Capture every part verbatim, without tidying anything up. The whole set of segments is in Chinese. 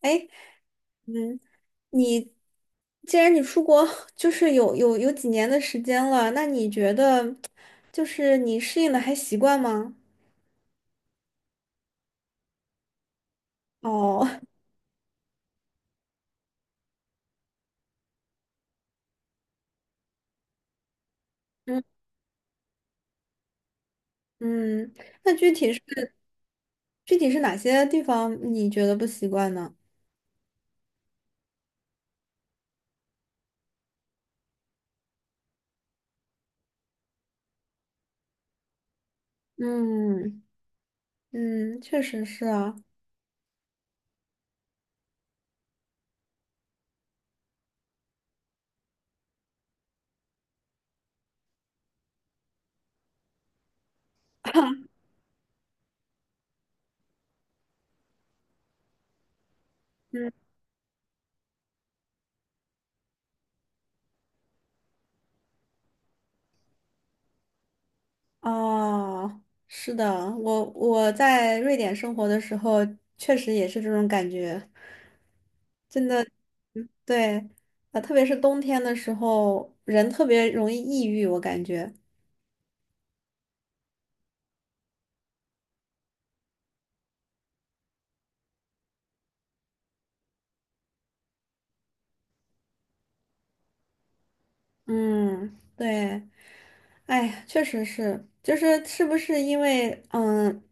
哎，嗯，你既然你出国 就是有有有几年的时间了，那你觉得就是你适应的还习惯吗？哦，嗯嗯，那具体是具体是哪些地方你觉得不习惯呢？嗯嗯，确实是啊。嗯，哦，是的，我我在瑞典生活的时候，确实也是这种感觉，真的。嗯，对，呃，特别是冬天的时候，人特别容易抑郁，我感觉。嗯，对，哎呀，确实是，就是是不是因为，嗯，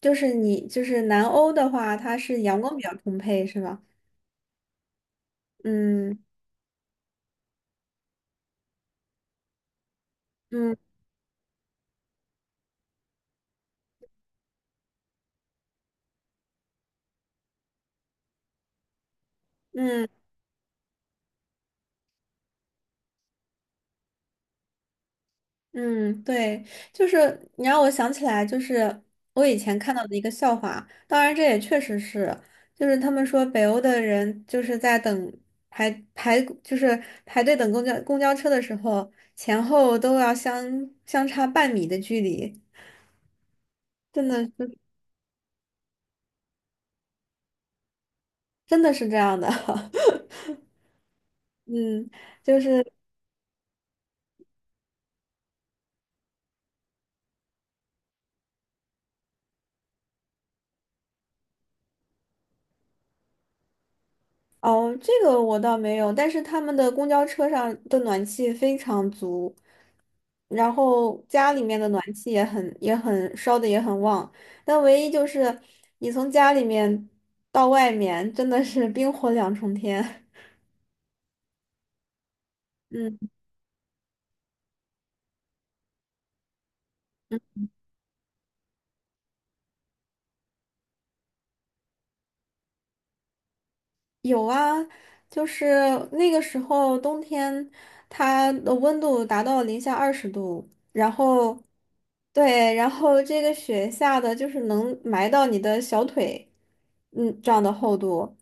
就是你就是南欧的话，它是阳光比较充沛，是吧？嗯嗯嗯。嗯，对，就是你让我想起来，就是我以前看到的一个笑话，当然这也确实是，就是他们说北欧的人就是在等排排，就是排队等公交公交车的时候，前后都要相相差半米的距离，真的是真的是这样的。嗯，就是哦，这个我倒没有，但是他们的公交车上的暖气非常足，然后家里面的暖气也很也很烧的也很旺，但唯一就是你从家里面到外面真的是冰火两重天。嗯，有啊，就是那个时候冬天，它的温度达到零下二十度，然后对，然后这个雪下的就是能埋到你的小腿，嗯，这样的厚度。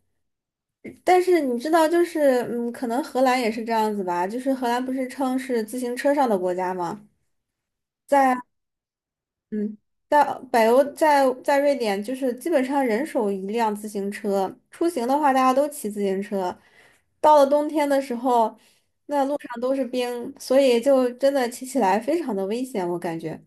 但是你知道，就是嗯，可能荷兰也是这样子吧。就是荷兰不是称是自行车上的国家吗？在嗯，在北欧，在在瑞典，就是基本上人手一辆自行车。出行的话，大家都骑自行车。到了冬天的时候，那路上都是冰，所以就真的骑起来非常的危险，我感觉。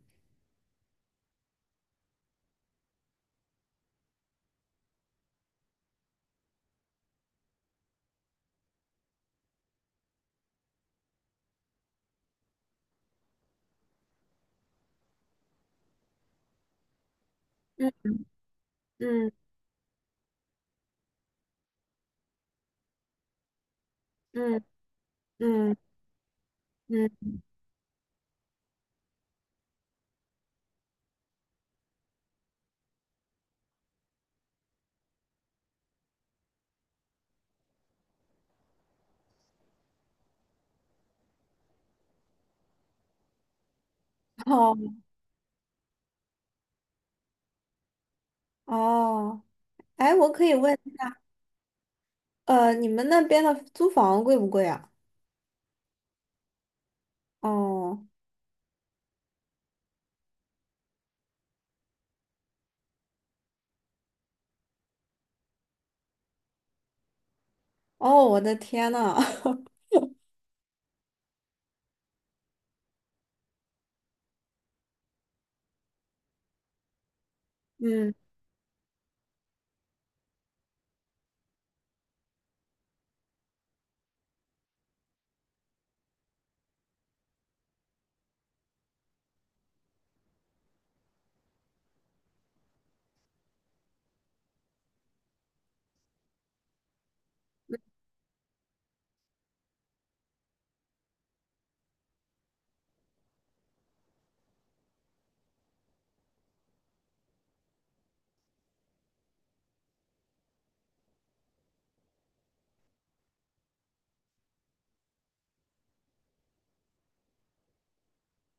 嗯嗯嗯嗯嗯，哦哦，哎，我可以问，呃，你们那边的租房贵不贵啊？哦。哦，我的天呐，嗯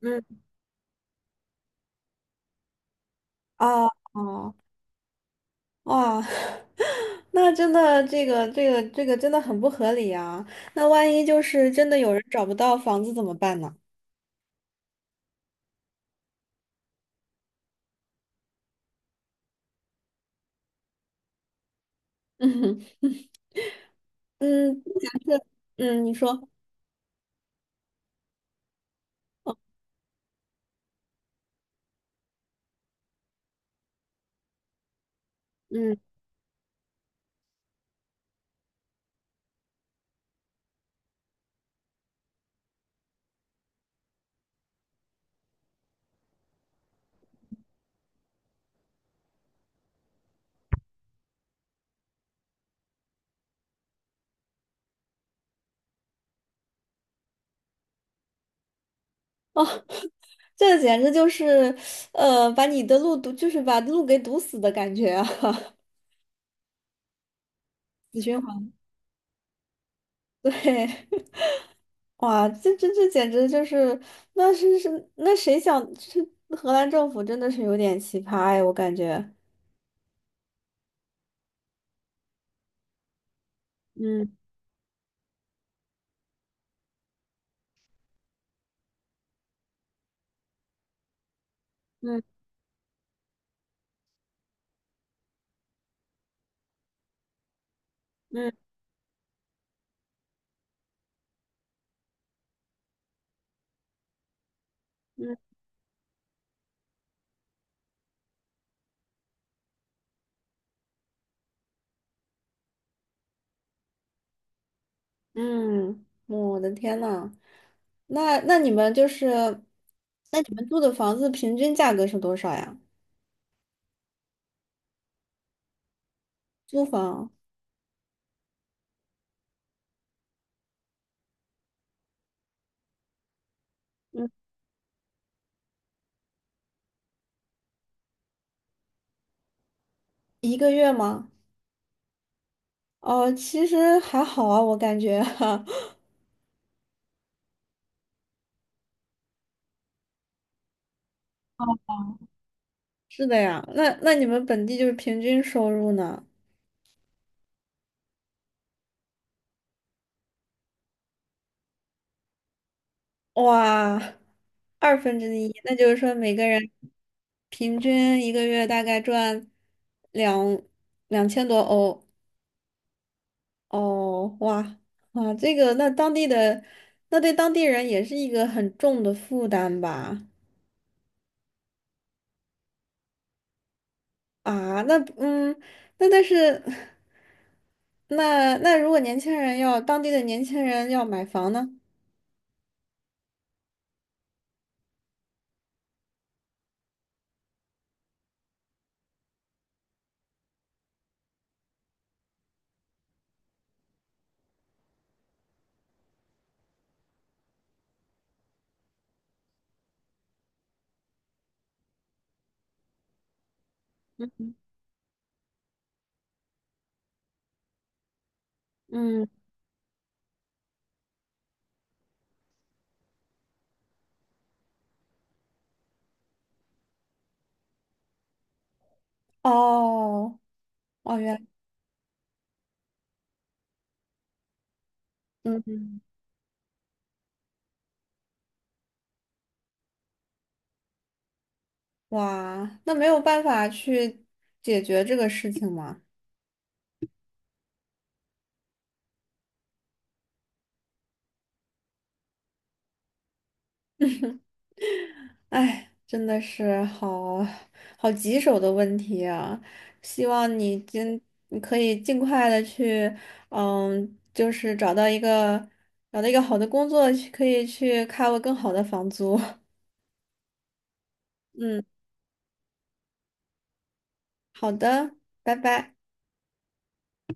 嗯，哦哦哇，那真的这个这个这个真的很不合理啊！那万一就是真的有人找不到房子怎么办呢？嗯嗯，假设嗯，你说嗯哦，这简直就是呃，把你的路堵，就是把路给堵死的感觉啊，死循环。对，哇，这这这简直就是，那是是那谁想，是荷兰政府真的是有点奇葩哎，我感觉。嗯嗯嗯嗯嗯，我的天呐，那那你们就是，那你们住的房子平均价格是多少呀？租房，嗯，一个月吗？哦，其实还好啊，我感觉。是的呀，那那你们本地就是平均收入呢？哇，二分之一，那就是说每个人平均一个月大概赚两两千多欧。哦，哇哇，这个那当地的，那对当地人也是一个很重的负担吧？啊，那嗯，那但是，那那如果年轻人要当地的年轻人要买房呢？嗯，哦哦，原来，嗯，哇，那没有办法去解决这个事情吗？哎，真的是好好棘手的问题啊！希望你尽你可以尽快的去，嗯，就是找到一个找到一个好的工作，去可以去 cover 更好的房租。嗯，好的，拜拜。